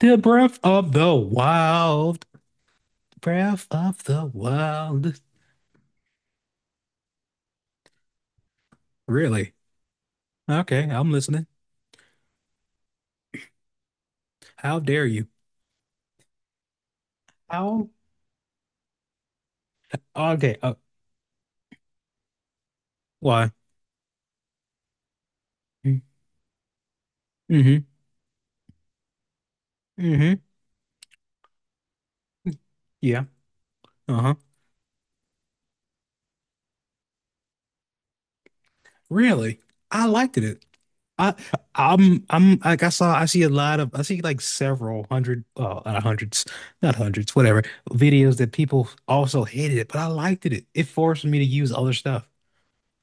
The Breath of the Wild. Breath of the Wild. Really? Okay, I'm listening. How dare you? How? Okay, why? Mm-hmm. Mm-hmm. Yeah. Uh-huh. Really? I liked it. I I'm like, I saw, I see a lot of, I see like several hundred, not hundreds, whatever, videos that people also hated it, but I liked it. It forced me to use other stuff.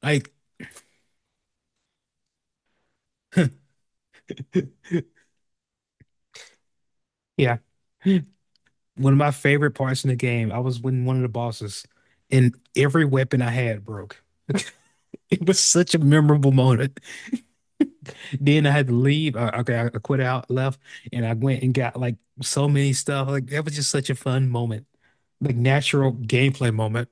Like, yeah. One of my favorite parts in the game, I was winning one of the bosses, and every weapon I had broke. It was such a memorable moment. Then I had to leave. Okay, I quit out, left, and I went and got like so many stuff. Like that was just such a fun moment, like natural gameplay moment.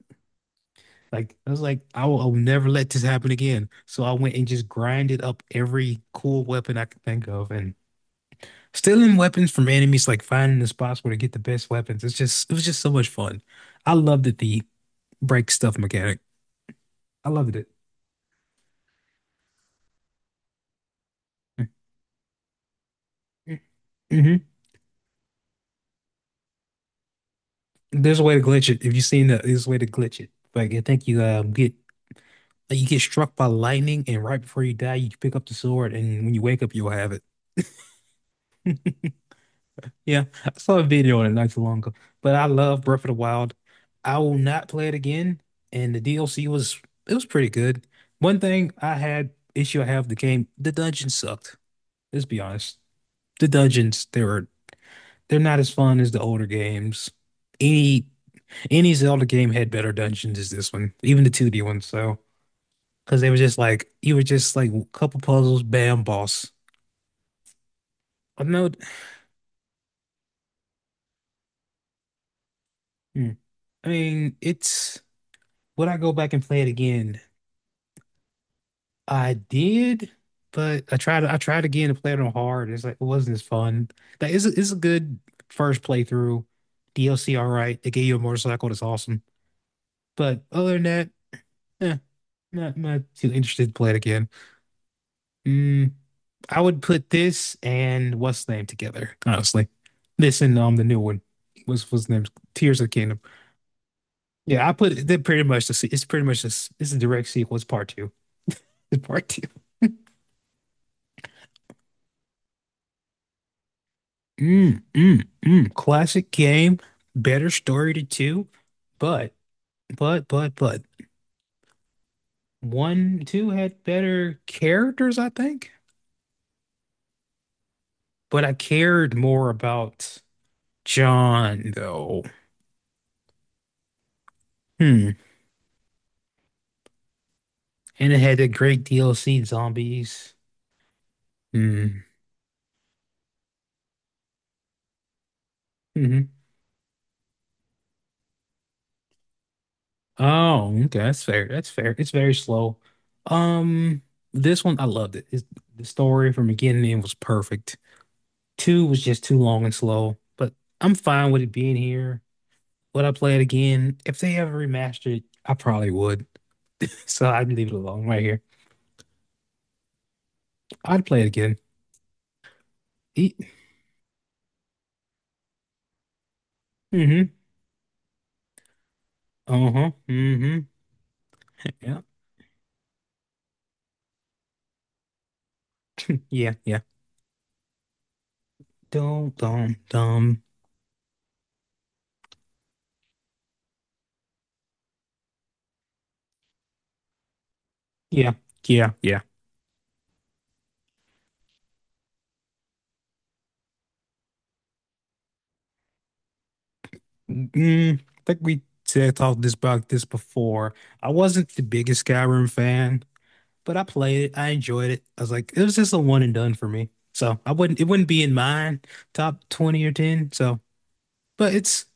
Like I was like, I will never let this happen again. So I went and just grinded up every cool weapon I could think of, and stealing weapons from enemies, like finding the spots where to get the best weapons. It's just, it was just so much fun. I loved it. The break stuff mechanic. I loved it. Hmm. There's a way to glitch it. If you've seen that, there's a way to glitch it. Like I think you get struck by lightning, and right before you die, you pick up the sword, and when you wake up, you'll have it. Yeah, I saw a video on it not too long ago. But I love Breath of the Wild. I will not play it again. And the DLC was pretty good. One thing I had issue I have with the game, the dungeons sucked. Let's be honest. The dungeons, they're not as fun as the older games. Any Any Zelda game had better dungeons as this one, even the 2D one. So, because they were just like, you were just like a couple puzzles, bam, boss. I know. Hmm. I mean, it's would I go back and play it again? I did, but I tried again to play it on hard. It's like it wasn't as fun. That is a good first playthrough. DLC, all right. They gave you a motorcycle. That's awesome. But other than that, eh, not too interested to play it again. Mm, I would put this and what's the name together, honestly. This and the new one. What's the name? Tears of the Kingdom. Yeah, I put it they're pretty much the se- it's pretty much this. It's a direct sequel. It's part two. It's part two. Mm, mm, mm. Classic game, better story to two, but but one two had better characters, I think. But I cared more about John though. Hmm. And it had a great DLC zombies. Mm, hmm. Oh, okay. That's fair. That's fair. It's very slow. Um, this one I loved it. The story from beginning to end was perfect. Two was just too long and slow, but I'm fine with it being here. Would I play it again? If they ever remastered it, I probably would. So I'd leave it alone right here. I'd play it again. E Mm-hmm. Uh-huh. Mm-hmm. Yeah. Yeah. Yeah. Dum dum dum. Yeah. Yeah. Yeah. I think we said talked this about this before. I wasn't the biggest Skyrim fan, but I played it. I enjoyed it. I was like, it was just a one and done for me. So I wouldn't it wouldn't be in mine top 20 or 10. So, but it's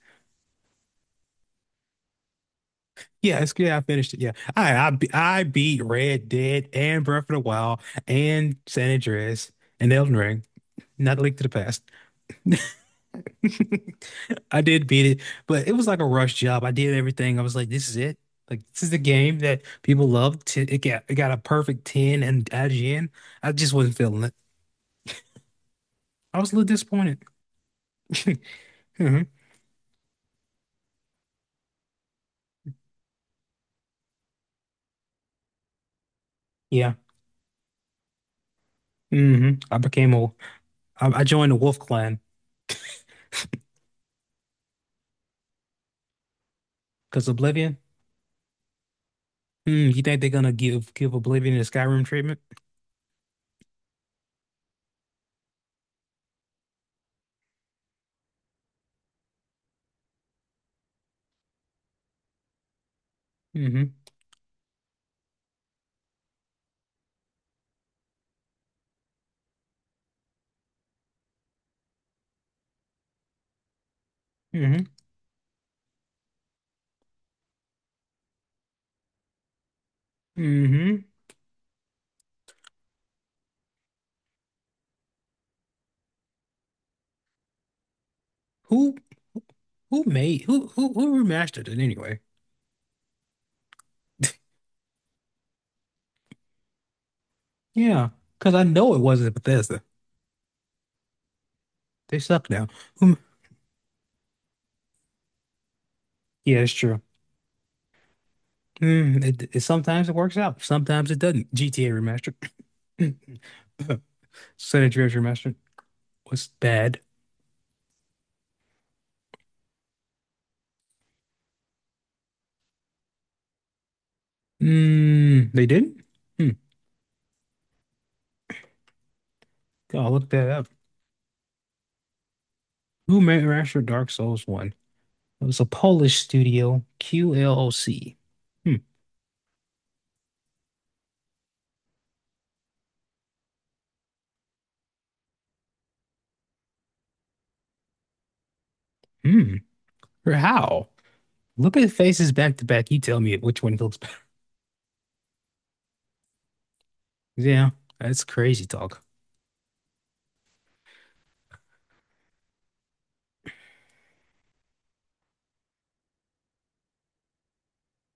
yeah, it's yeah, I finished it. Yeah. I beat Red Dead and Breath of the Wild and San Andreas and Elden Ring. Not a link to the past. I did beat it, but it was like a rush job. I did everything. I was like, this is it. Like this is the game that people love. It got a perfect 10 and IGN. I just wasn't feeling it. I was a little disappointed. Hmm. Yeah. Hmm. I became a I joined the Wolf Clan because Oblivion. You think they're gonna give Oblivion the Skyrim treatment? Hmm. Hmm. Hmm. Who who remastered it anyway? Yeah, because I know it wasn't Bethesda. They suck now. Who Yeah, it's true. It sometimes it works out, sometimes it doesn't. GTA remastered, San Andreas remastered was bad. They didn't? Hmm. I'll look that up. Who remastered Dark Souls 1? It was a Polish studio, QLOC. Hmm. Hmm. Or how? Look at faces back to back. You tell me which one looks better. Yeah, that's crazy talk.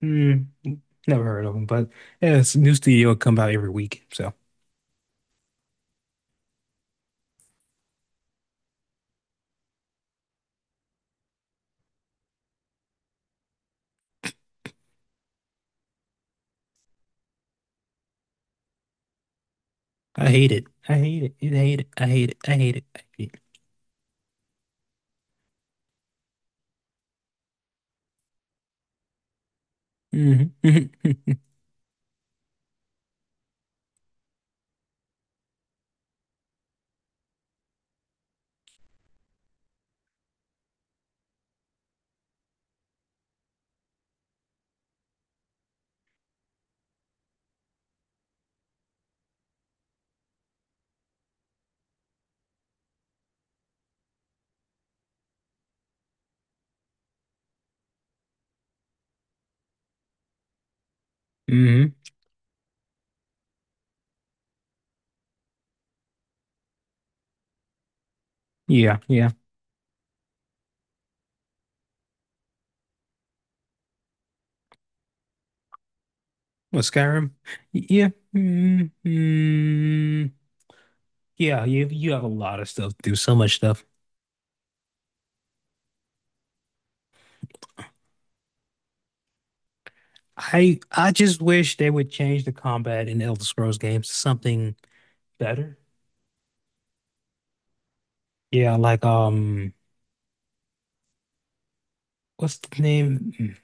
Hmm. Never heard of them, but yeah, it's a new studio come out every week. So. I hate it. I hate it. I hate it. I hate it. I hate it. I hate it. Mm-hmm. Hmm. Yeah, yeah. Well, Skyrim. Yeah. Mm-hmm. Yeah, you have a lot of stuff to do, so much stuff. I just wish they would change the combat in Elder Scrolls games to something better. Yeah, like what's the name? Mm.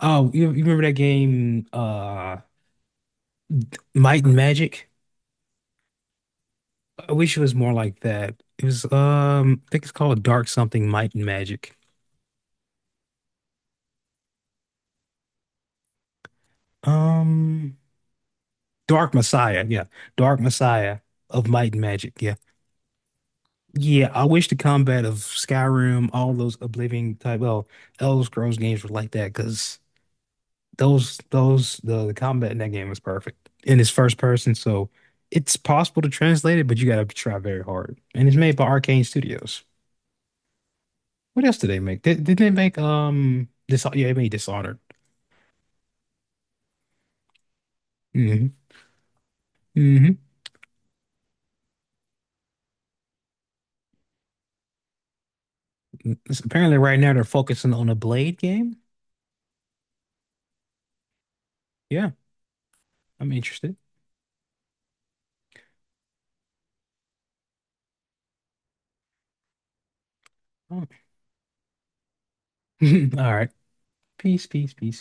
Oh, you remember that game Might and Magic? I wish it was more like that. It was I think it's called Dark Something Might and Magic. Um Dark Messiah, yeah. Dark Messiah of Might and Magic, yeah. Yeah, I wish the combat of Skyrim, all those Oblivion type, well, Elder Scrolls games were like that because those the combat in that game was perfect. And it's first person, so it's possible to translate it, but you gotta try very hard. And it's made by Arcane Studios. What else did they make? Did they make Dis yeah, they made Dishonored. Mhm. Hmm. Apparently, right now they're focusing on a Blade game. Yeah, I'm interested. Oh. All right. Peace, peace, peace.